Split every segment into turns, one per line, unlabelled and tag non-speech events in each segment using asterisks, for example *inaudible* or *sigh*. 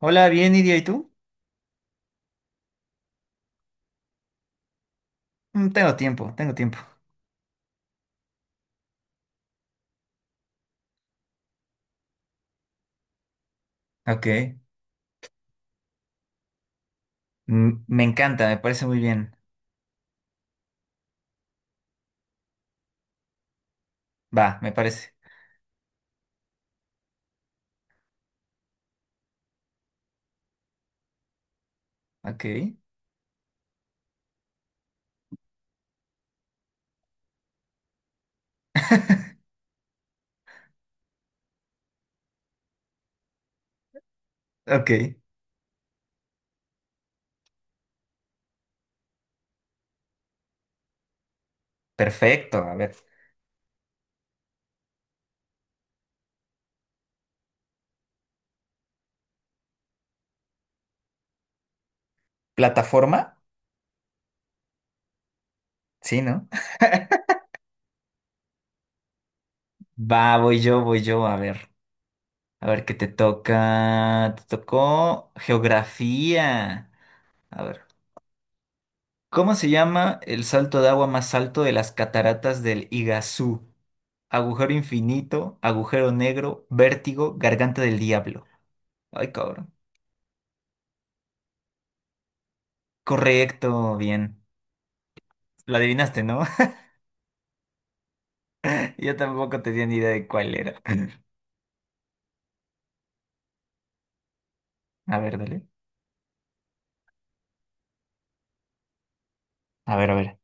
Hola, bien, Iria, ¿y tú? Mm, tengo tiempo, tengo tiempo. Ok. Me encanta, me parece muy bien. Va, me parece. Ok. *laughs* Ok. Perfecto, a ver. ¿Plataforma? Sí, ¿no? *laughs* Va, voy yo, a ver. A ver qué te toca. Te tocó geografía. A ver. ¿Cómo se llama el salto de agua más alto de las cataratas del Iguazú? Agujero infinito, agujero negro, vértigo, garganta del diablo. Ay, cabrón. Correcto, bien. La adivinaste, ¿no? *laughs* Yo tampoco tenía ni idea de cuál era. A ver, dale. A ver, a ver.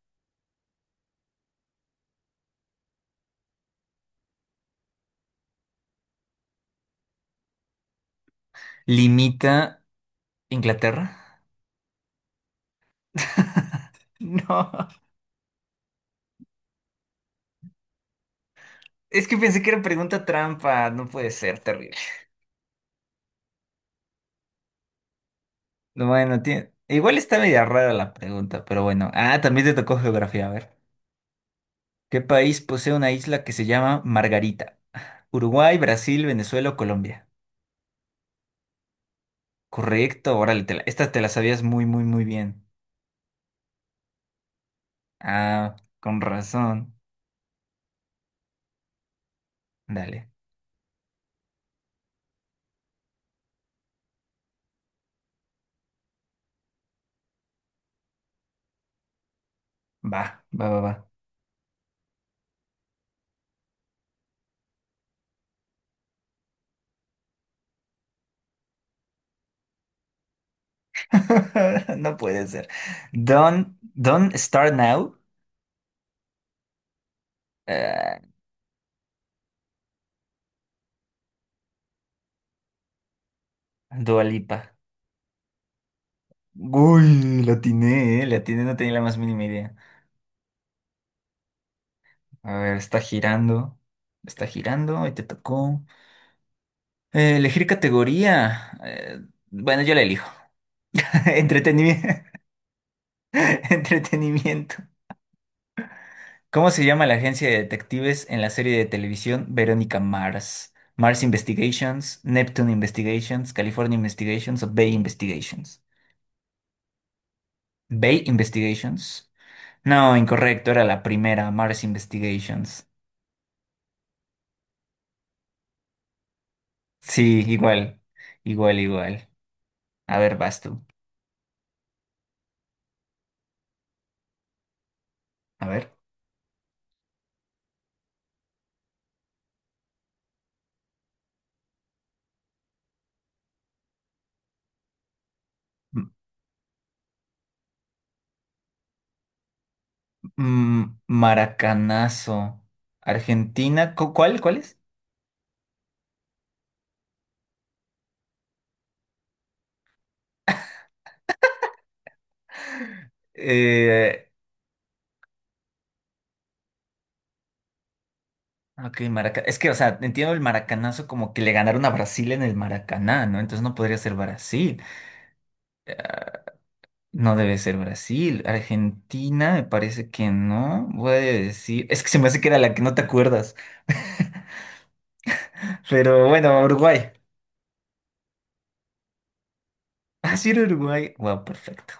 ¿Limita Inglaterra? *laughs* No. Es que pensé que era pregunta trampa. No puede ser, terrible. Bueno, igual está media rara la pregunta, pero bueno. Ah, también te tocó geografía. A ver. ¿Qué país posee una isla que se llama Margarita? Uruguay, Brasil, Venezuela o Colombia. Correcto, órale, esta te la sabías muy, muy, muy bien. Ah, con razón. Dale. Va, va, va, va. *laughs* No puede ser. Don, Don Start Now, eh, Dua Lipa. Uy, la atiné, no tenía la más mínima idea. A ver, está girando y te tocó. Elegir categoría. Bueno, yo la elijo. *laughs* Entretenimiento. *laughs* Entretenimiento. ¿Cómo se llama la agencia de detectives en la serie de televisión Verónica Mars? Mars Investigations, Neptune Investigations, California Investigations o Bay Investigations. Bay Investigations. No, incorrecto, era la primera, Mars Investigations. Sí, igual, igual, igual. A ver, vas tú. A ver. M- Maracanazo. Argentina, ¿cuál? ¿Cuál es? Eh, Ah, ok, es que, o sea, entiendo el maracanazo como que le ganaron a Brasil en el Maracaná, ¿no? Entonces no podría ser Brasil. Eh, No debe ser Brasil. Argentina, me parece que no. Voy a decir. Es que se me hace que era la que no te acuerdas. Pero bueno, Uruguay. *laughs* Ah, sí, era Uruguay. Wow, perfecto.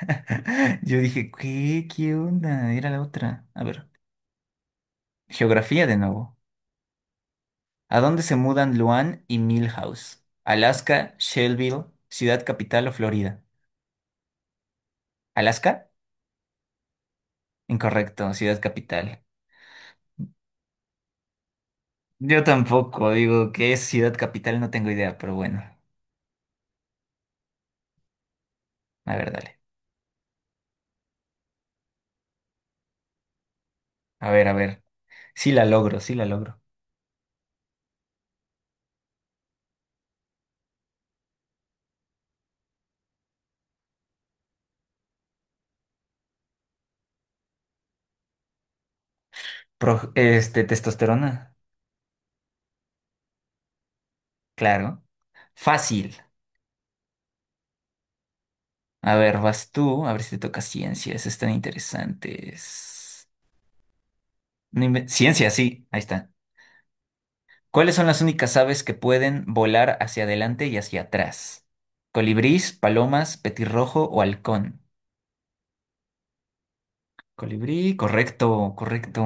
*laughs* Yo dije, ¿qué? ¿Qué onda? Era la otra. A ver. Geografía de nuevo. ¿A dónde se mudan Luan y Milhouse? ¿Alaska, Shelbyville, Ciudad Capital o Florida? ¿Alaska? Incorrecto, ciudad capital. Yo tampoco, digo, ¿qué es ciudad capital? No tengo idea, pero bueno, a ver, dale. A ver, a ver. Sí la logro, sí la logro. Testosterona, claro. Fácil. A ver, vas tú, a ver si te toca ciencias, están interesantes. No inven- Ciencia, sí, ahí está. ¿Cuáles son las únicas aves que pueden volar hacia adelante y hacia atrás? ¿Colibrís, palomas, petirrojo o halcón? Colibrí, correcto, correcto.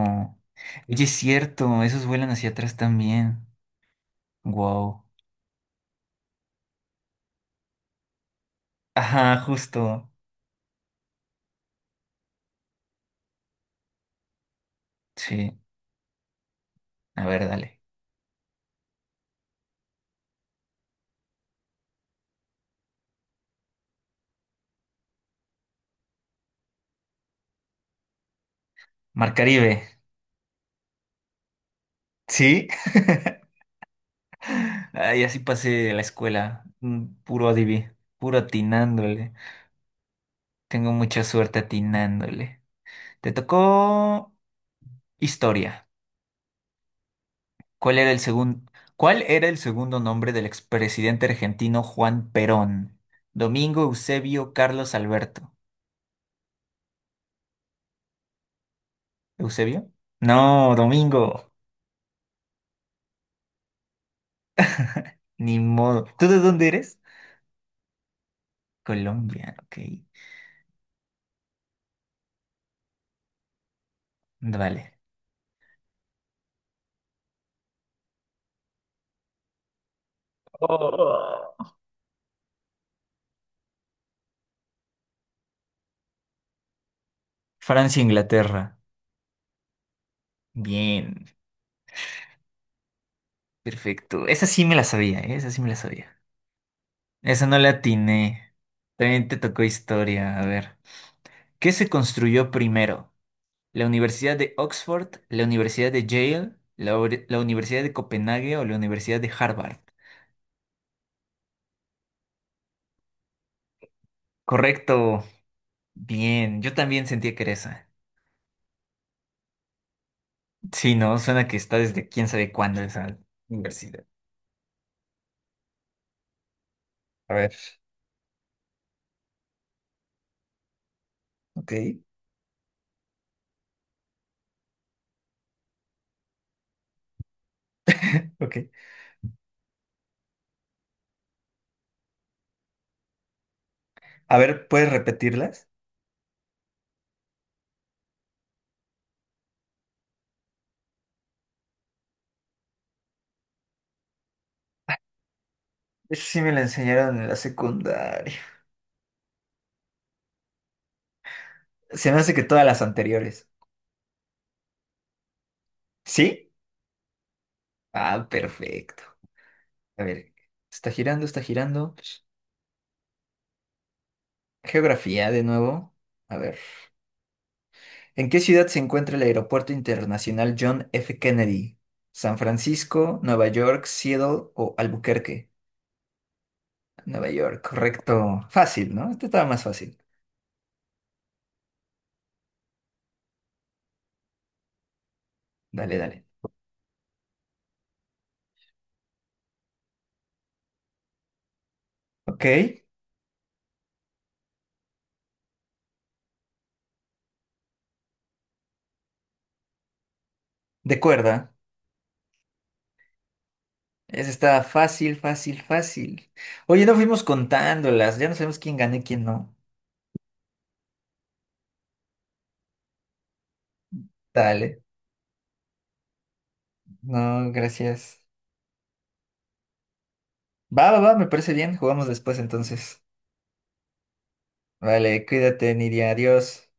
Oye, es cierto, esos vuelan hacia atrás también. Wow. Ajá, justo. Sí, a ver, dale. Mar Caribe, ¿sí? *laughs* Ay, así pasé la escuela. Puro puro atinándole. Tengo mucha suerte atinándole. Te tocó historia. ¿Cuál era el segundo, ¿cuál era el segundo nombre del expresidente argentino Juan Perón? Domingo Eusebio Carlos Alberto. ¿Eusebio? No, Domingo. Ni modo. ¿Tú de dónde eres? Colombia, ok. Vale. Oh. Francia, Inglaterra. Bien, perfecto. Esa sí me la sabía, ¿eh? Esa sí me la sabía. Esa no la atiné. También te tocó historia. A ver. ¿Qué se construyó primero? ¿La Universidad de Oxford, la Universidad de Yale, la Universidad de Copenhague o la Universidad de Harvard? Correcto. Bien, yo también sentía que era esa. Sí, no, suena que está desde quién sabe cuándo esa universidad. A ver, ok, ok. A ver, ¿puedes repetirlas? Eso sí me la enseñaron en la secundaria. Se me hace que todas las anteriores. ¿Sí? Ah, perfecto. A ver, está girando, está girando. Geografía de nuevo. A ver. ¿En qué ciudad se encuentra el Aeropuerto Internacional John F. Kennedy? ¿San Francisco, Nueva York, Seattle o Albuquerque? Nueva York, correcto. Fácil, ¿no? Este estaba más fácil. Dale, dale. Ok, de cuerda. Esa está fácil, fácil, fácil. Oye, no fuimos contándolas, ya no sabemos quién gana y quién no. Dale. No, gracias. Va, va, va, me parece bien. Jugamos después entonces. Vale, cuídate, Nidia. Adiós.